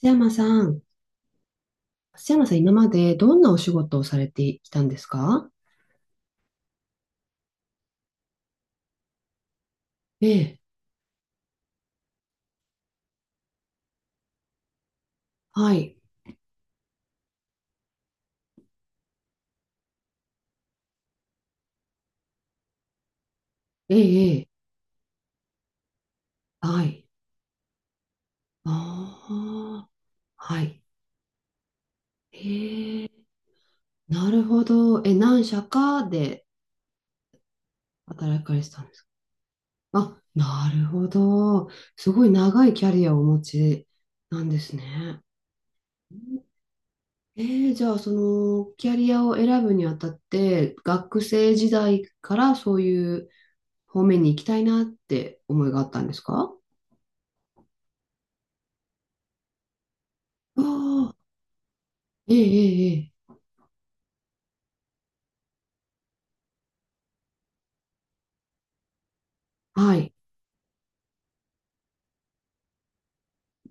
瀬山さん、瀬山さん、今までどんなお仕事をされてきたんですか？ええ、はい、ええ、ええ、はい、ああ、はい、ええ、なるほど。え、何社かで働かれてたんですか？あ、なるほど。すごい長いキャリアをお持ちなんですね。ええ、じゃあ、その、キャリアを選ぶにあたって、学生時代からそういう方面に行きたいなって思いがあったんですか？ああ、ええ、ええ、ええ、はい、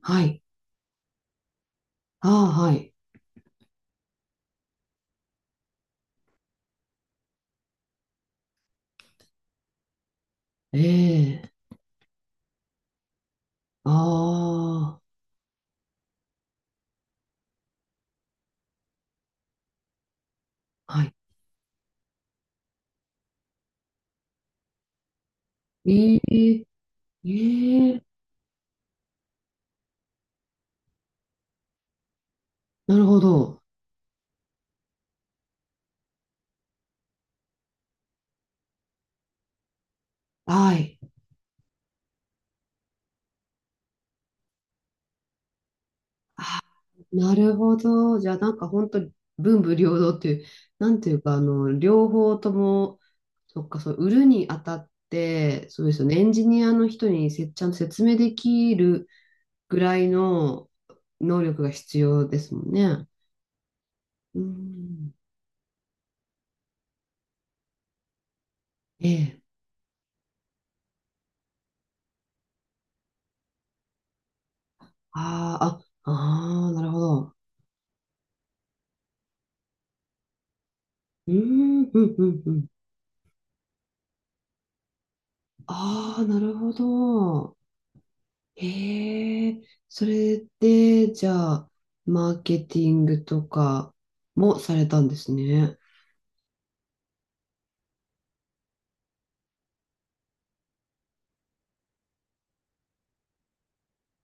はい、ああ、はい、ええ、ああ、はい、ええ、ええ、なるほど、はい、あ、なるほど、じゃあなんか本当に文武両道っていう、なんていうか、あの、両方とも、そっか、そう、売るにあたって、そうですよね、エンジニアの人にちゃんと説明できるぐらいの能力が必要ですもんね。うん、ええ。ああ、あ、ああ、なるほど。うーん、うん、うん、うん。ああ、なるほど。へえ、それで、じゃあ、マーケティングとかもされたんですね。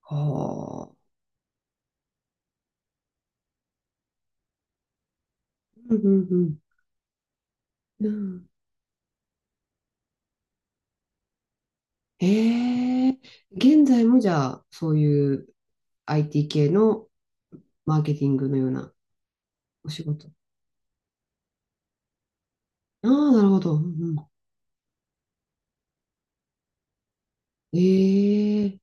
はあ。うん、うん、うん。うん、へえ、現在もじゃあ、そういう IT 系のマーケティングのようなお仕事。ああ、なるほど。うんうん、ええ、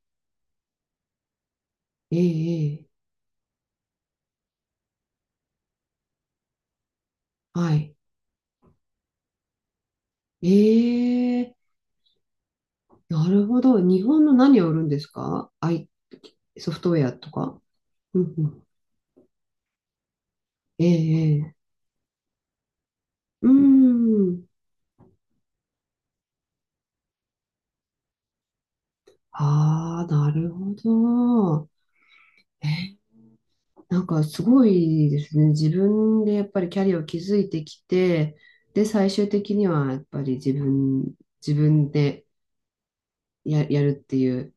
ええ、ええ、はい。え、なるほど。日本の何を売るんですか？ソフトウェアとか。うんうん。ええ、ええ。うん。ああ、なるほど。え、なんかすごいですね。自分でやっぱりキャリアを築いてきて、で、最終的にはやっぱり自分でやるっていう。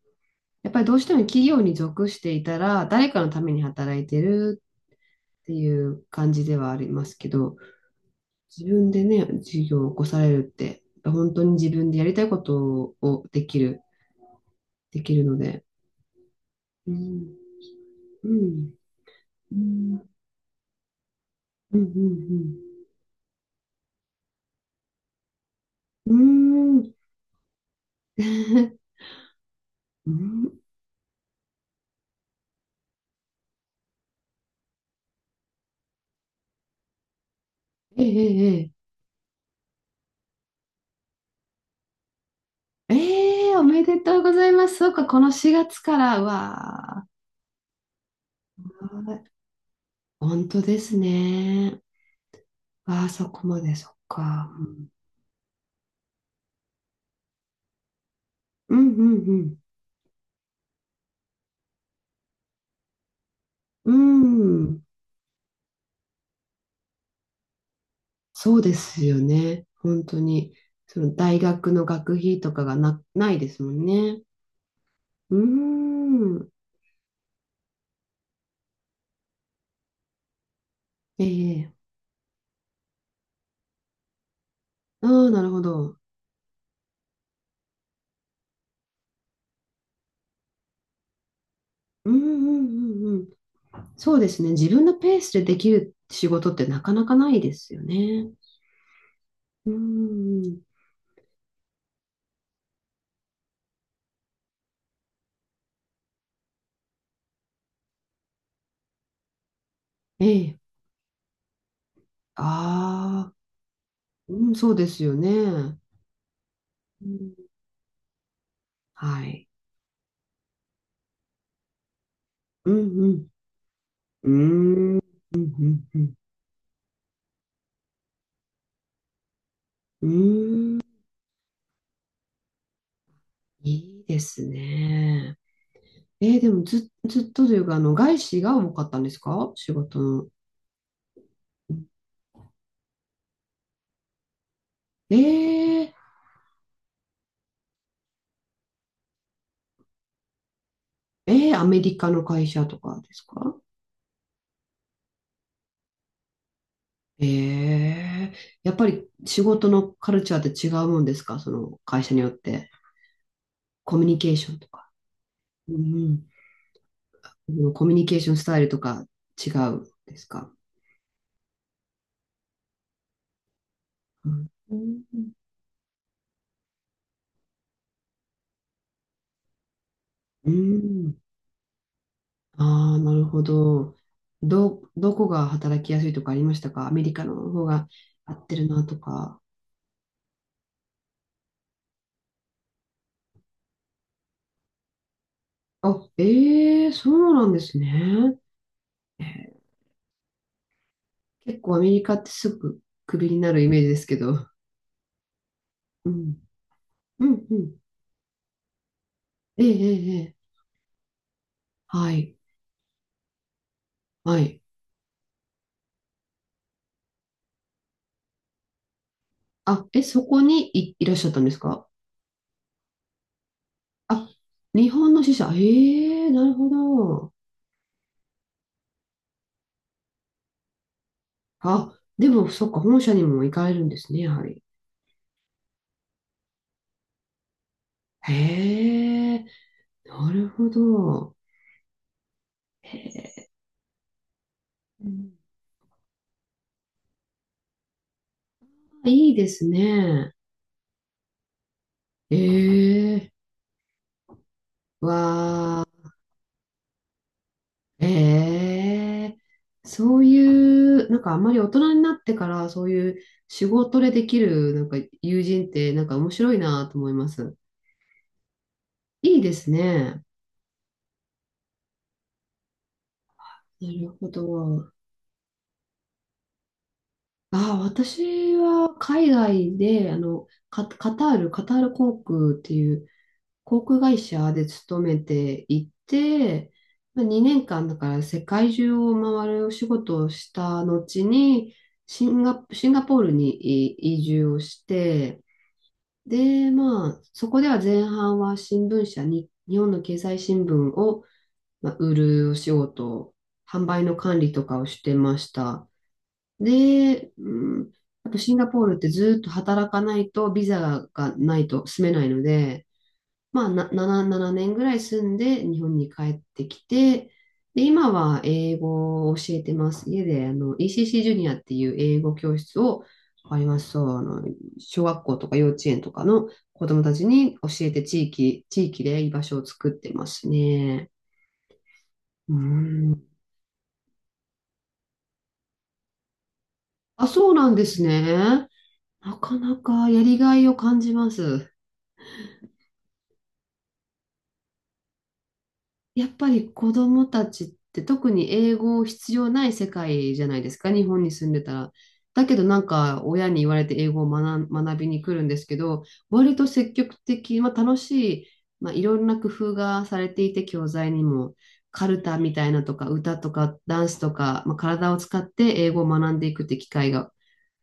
やっぱりどうしても企業に属していたら、誰かのために働いてるっていう感じではありますけど、自分でね、事業を起こされるって、やっぱ本当に自分でやりたいことをできるので。うん、うん、うん、うん、うん、うん、うーん、うん、ええ、ええ、ええ、おめでとうございます。そうか、この4月から、うわあ、本当ですね。ああ、そこまで、そっか。うん、うん、うん、うん。そうですよね。本当に。その大学の学費とかがないですもんね。うーん。ええ、ああー、なるほど。うんうんうんうん。そうですね。自分のペースでできる仕事ってなかなかないですよね。うーん。ええ、ああー、うん、そうですよね。うん、はい。うんうん。うーん。うんうんうん。うーん。いいですね。でもずっとというか、あの、外資が多かったんですか？仕事の。えー、アメリカの会社とかですか？えー、やっぱり仕事のカルチャーって違うもんですか？その会社によって。コミュニケーションとか。うんうん、コミュニケーションスタイルとか違うですか？うんうん、ああー、なるほど。どこが働きやすいとかありましたか？アメリカの方が合ってるなとか。あ、ええ、そうなんですね。えー結構アメリカってすぐクビになるイメージですけど。うん。うん、うん。ええええええ、はい、はい。あ、え、そこにいらっしゃったんですか？あ、日本の支社。ええ、なるほど。あ、でも、そっか、本社にも行かれるんですね、やはり。へえ、なるほど。へえ、うん、いいですね。ええ、わあ。ええ、そういう、なんかあんまり大人になってからそういう仕事でできるなんか友人ってなんか面白いなと思います。いいですね。なるほど。ああ、私は海外で、あの、カタール航空っていう航空会社で勤めていて、まあ、2年間だから世界中を回るお仕事をした後に、シンガポールに移住をして、で、まあ、そこでは前半は新聞社に、日本の経済新聞を、まあ、売るお仕事、販売の管理とかをしてました。で、うん、あとシンガポールってずっと働かないとビザがないと住めないので、まあ、な7、7年ぐらい住んで日本に帰ってきて、で、今は英語を教えてます。家であの ECC ジュニアっていう英語教室を、ありますそう、あの、小学校とか幼稚園とかの子供たちに教えて地域で居場所を作ってますね。うん。あ、そうなんですね。なかなかやりがいを感じます。やっぱり子供たちって特に英語必要ない世界じゃないですか、日本に住んでたら。だけどなんか親に言われて英語を学びに来るんですけど、割と積極的、まあ、楽しい、まあ、いろんな工夫がされていて、教材にも、カルタみたいなとか、歌とか、ダンスとか、まあ、体を使って英語を学んでいくって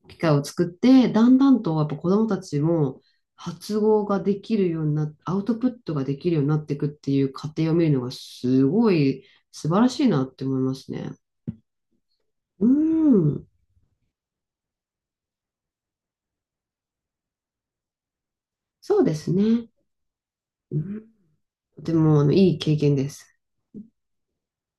機会を作って、だんだんとやっぱ子どもたちも発語ができるようにアウトプットができるようになっていくっていう過程を見るのがすごい素晴らしいなって思いますね。うん、そうですね。うん、とてもあのいい経験です。